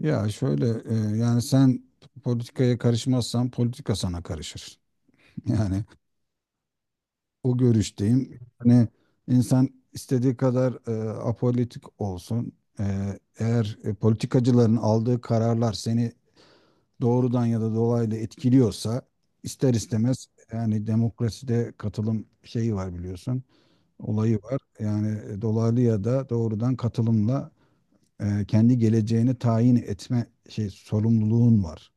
Ya şöyle, yani sen politikaya karışmazsan politika sana karışır. Yani o görüşteyim. Hani insan istediği kadar apolitik olsun. E, eğer politikacıların aldığı kararlar seni doğrudan ya da dolaylı etkiliyorsa ister istemez yani demokraside katılım şeyi var biliyorsun. Olayı var. Yani dolaylı ya da doğrudan katılımla kendi geleceğini tayin etme şey sorumluluğun var.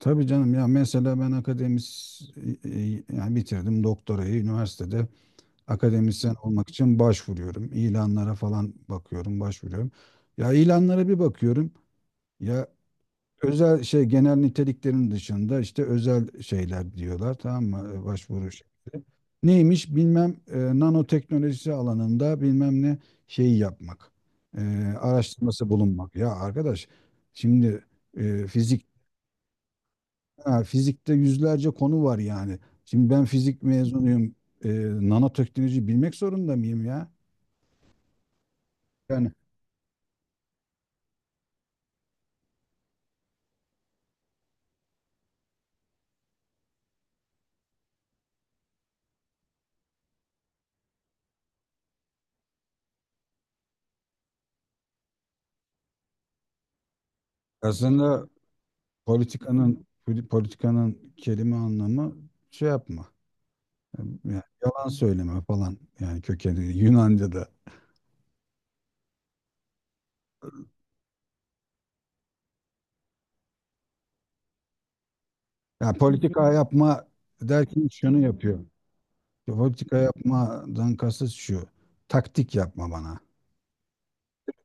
Tabii canım ya mesela ben yani bitirdim doktorayı üniversitede akademisyen olmak için başvuruyorum. İlanlara falan bakıyorum, başvuruyorum. Ya ilanlara bir bakıyorum. Ya özel şey genel niteliklerin dışında işte özel şeyler diyorlar, tamam mı? Başvuru şekli. Neymiş bilmem nanoteknolojisi alanında bilmem ne şeyi yapmak. E, araştırması bulunmak. Ya arkadaş şimdi e, Ha, fizikte yüzlerce konu var yani. Şimdi ben fizik mezunuyum. E, nanoteknoloji bilmek zorunda mıyım ya? Yani aslında politikanın politikanın kelime anlamı şey yapma. Yani yalan söyleme falan, yani kökeni Yunanca'da. Yani politika yapma derken şunu yapıyor. Politika yapmadan kasıt şu. Taktik yapma bana.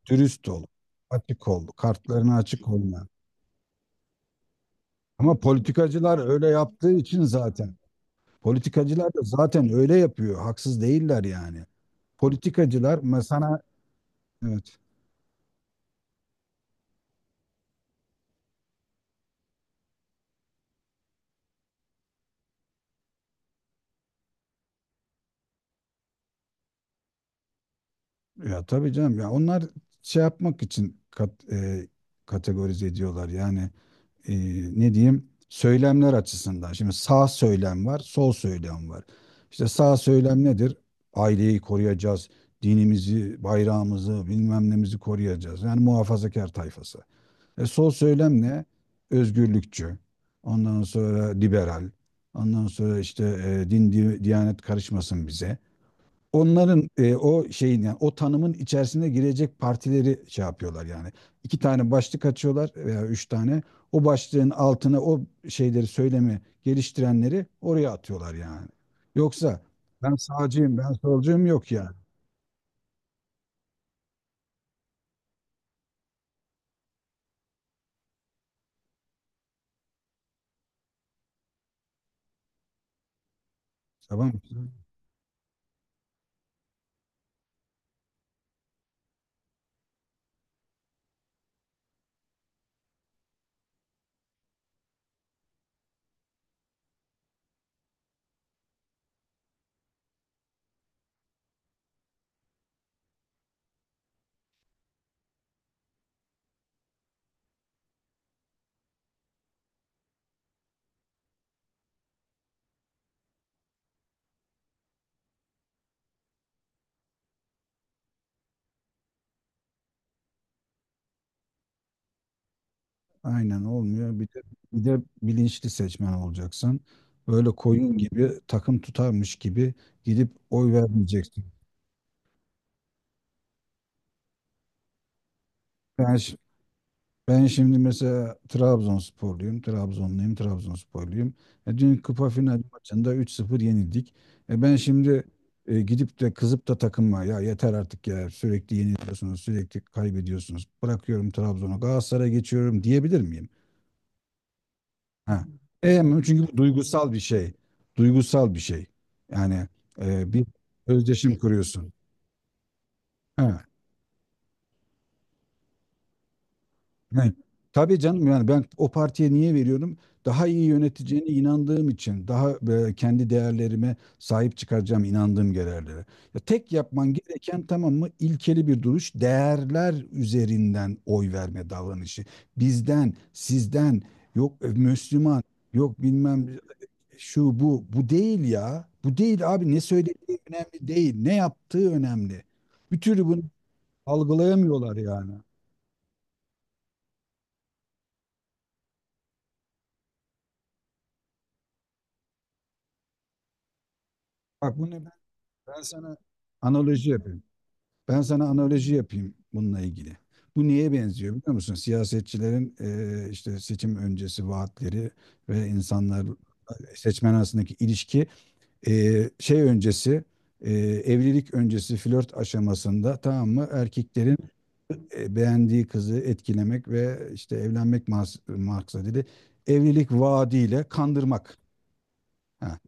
Dürüst ol. Açık ol. Kartlarına açık olma. Ama politikacılar öyle yaptığı için zaten. Politikacılar da zaten öyle yapıyor. Haksız değiller yani. Politikacılar mesela evet, ya tabii canım ya, onlar şey yapmak için kategorize ediyorlar. Yani e, ne diyeyim söylemler açısından. Şimdi sağ söylem var, sol söylem var. İşte sağ söylem nedir? Aileyi koruyacağız, dinimizi, bayrağımızı, bilmem nemizi koruyacağız. Yani muhafazakar tayfası. Sol söylem ne? Özgürlükçü. Ondan sonra liberal. Ondan sonra işte din, diyanet karışmasın bize. Onların o şeyin yani o tanımın içerisine girecek partileri şey yapıyorlar yani. İki tane başlık açıyorlar veya üç tane. O başlığın altına o şeyleri, söylemi geliştirenleri oraya atıyorlar yani. Yoksa ben sağcıyım, ben solcuyum yok yani. Tamam mı? Aynen, olmuyor. Bir de bilinçli seçmen olacaksın. Böyle koyun gibi takım tutarmış gibi gidip oy vermeyeceksin. Ben, şi- ben şimdi mesela Trabzonsporluyum, Trabzonluyum, Trabzonsporluyum. Dün kupa final maçında 3-0 yenildik. Ben şimdi gidip de kızıp da takıma, ya yeter artık ya, sürekli yeniliyorsunuz, sürekli kaybediyorsunuz. Bırakıyorum Trabzon'u, Galatasaray'a geçiyorum diyebilir miyim? Ha. Ama çünkü bu duygusal bir şey. Duygusal bir şey. Yani bir özdeşim kuruyorsun. Ha. Ha. Tabii canım, yani ben o partiye niye veriyorum? Daha iyi yöneteceğine inandığım için, daha kendi değerlerime sahip çıkaracağım inandığım değerlere. Ya tek yapman gereken, tamam mı? İlkeli bir duruş, değerler üzerinden oy verme davranışı. Bizden, sizden, yok Müslüman, yok bilmem şu bu değil ya. Bu değil abi, ne söylediği önemli değil. Ne yaptığı önemli. Bir türlü bunu algılayamıyorlar yani. Bak bunu ben sana analoji yapayım. Ben sana analoji yapayım bununla ilgili. Bu neye benziyor biliyor musun? Siyasetçilerin işte seçim öncesi vaatleri ve insanlar, seçmen arasındaki ilişki, şey öncesi, eee, evlilik öncesi flört aşamasında, tamam mı, erkeklerin beğendiği kızı etkilemek ve işte evlenmek maksadıyla evlilik vaadiyle kandırmak. Ha.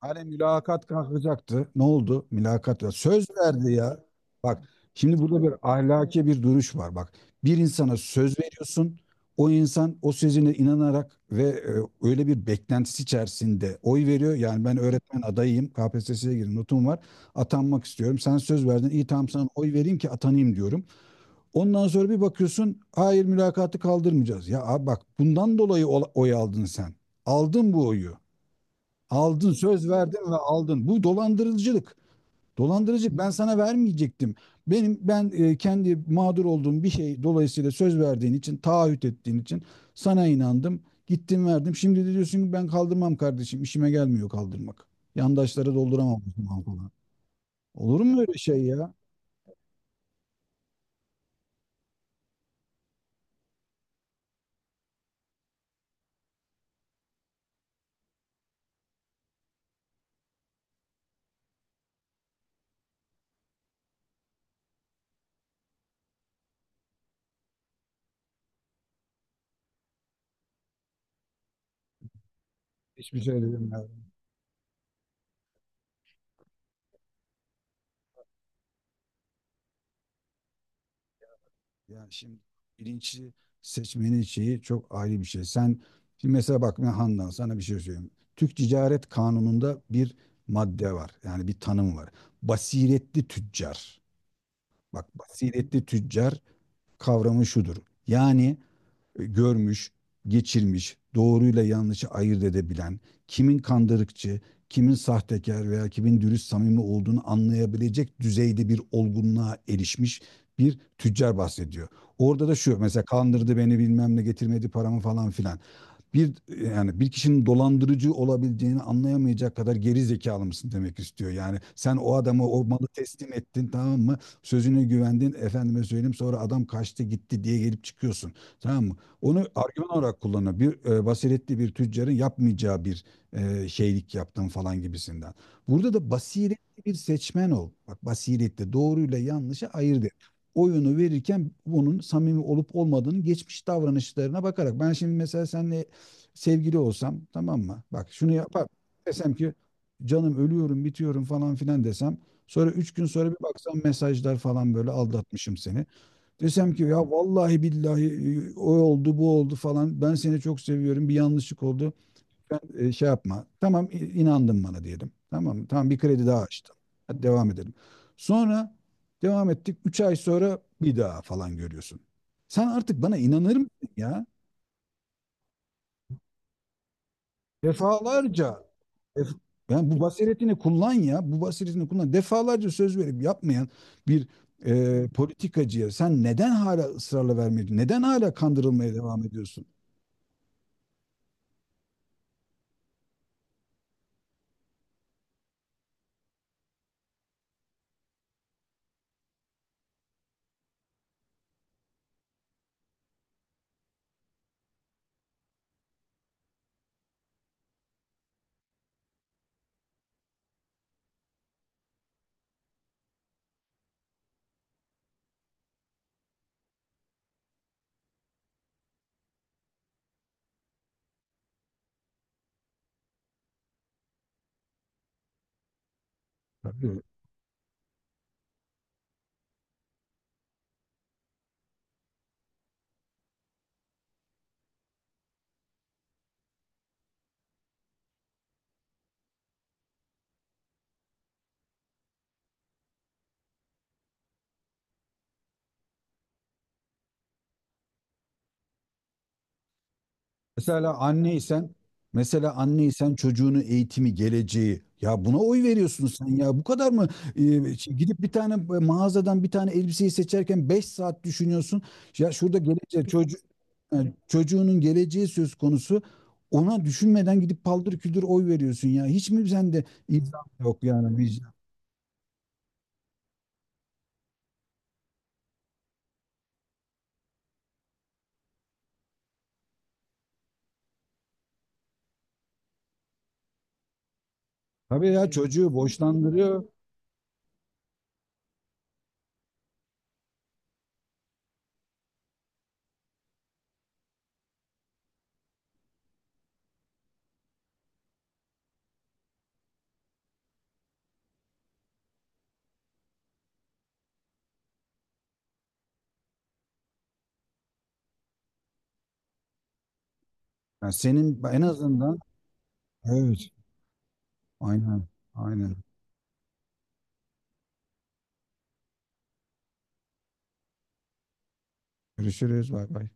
Hani mülakat kalkacaktı. Ne oldu? Mülakat ya. Söz verdi ya. Bak şimdi burada bir ahlaki bir duruş var. Bak, bir insana söz veriyorsun. O insan o sözüne inanarak ve öyle bir beklentisi içerisinde oy veriyor. Yani ben öğretmen adayıyım. KPSS'ye girdim. Notum var. Atanmak istiyorum. Sen söz verdin. İyi, tamam, sana oy vereyim ki atanayım diyorum. Ondan sonra bir bakıyorsun, hayır, mülakatı kaldırmayacağız. Ya abi bak, bundan dolayı oy aldın sen. Aldın bu oyu. Aldın, söz verdin ve aldın. Bu dolandırıcılık. Dolandırıcılık, ben sana vermeyecektim. Benim ben kendi mağdur olduğum bir şey dolayısıyla söz verdiğin için, taahhüt ettiğin için sana inandım. Gittim, verdim. Şimdi de diyorsun ki ben kaldırmam kardeşim. İşime gelmiyor kaldırmak. Yandaşlara dolduramam bu zaman falan. Olur mu öyle şey ya? Hiçbir şey dedim. Yani şimdi bilinçli seçmenin şeyi çok ayrı bir şey. Sen şimdi mesela bak, ben Handan sana bir şey söyleyeyim. Türk Ticaret Kanunu'nda bir madde var. Yani bir tanım var. Basiretli tüccar. Bak basiretli tüccar kavramı şudur. Yani görmüş, geçirmiş, doğruyla yanlışı ayırt edebilen, kimin kandırıkçı, kimin sahtekar veya kimin dürüst samimi olduğunu anlayabilecek düzeyde bir olgunluğa erişmiş bir tüccar bahsediyor. Orada da şu, mesela kandırdı beni bilmem ne, getirmedi paramı falan filan, bir yani bir kişinin dolandırıcı olabileceğini anlayamayacak kadar geri zekalı mısın demek istiyor. Yani sen o adamı, o malı teslim ettin tamam mı? Sözüne güvendin, efendime söyleyeyim, sonra adam kaçtı gitti diye gelip çıkıyorsun. Tamam mı? Onu argüman olarak kullanıyor. Bir basiretli bir tüccarın yapmayacağı bir şeylik yaptın falan gibisinden. Burada da basiretli bir seçmen ol. Bak basiretli, doğruyla yanlışı ayırt et oyunu verirken, bunun samimi olup olmadığını geçmiş davranışlarına bakarak. Ben şimdi mesela seninle sevgili olsam tamam mı? Bak şunu yapar. Desem ki canım, ölüyorum, bitiyorum falan filan desem. Sonra 3 gün sonra bir baksam, mesajlar falan, böyle aldatmışım seni. Desem ki ya vallahi billahi o oldu bu oldu falan. Ben seni çok seviyorum, bir yanlışlık oldu. Ben şey yapma. Tamam, inandın bana diyelim. Tamam mı? Tamam, bir kredi daha açtım. Hadi devam edelim. Sonra devam ettik. 3 ay sonra bir daha falan görüyorsun. Sen artık bana inanır mısın ya? Defalarca. Def- Yani bu basiretini kullan ya. Bu basiretini kullan. Defalarca söz verip yapmayan bir politikacıya sen neden hala ısrarla vermiyorsun? Neden hala kandırılmaya devam ediyorsun? Tabii. Mesela anneysen, mesela anneysen, çocuğunu eğitimi, geleceği, ya buna oy veriyorsun sen ya. Bu kadar mı şey, gidip bir tane mağazadan bir tane elbiseyi seçerken 5 saat düşünüyorsun. Ya şurada gelecek çocuğu, yani çocuğunun geleceği söz konusu. Ona düşünmeden gidip paldır küldür oy veriyorsun ya. Hiç mi sende insaf yok, yani vicdan? Tabii ya, çocuğu boşlandırıyor. Yani senin en azından, evet. Aynen. Aynen. Görüşürüz. Bay bay.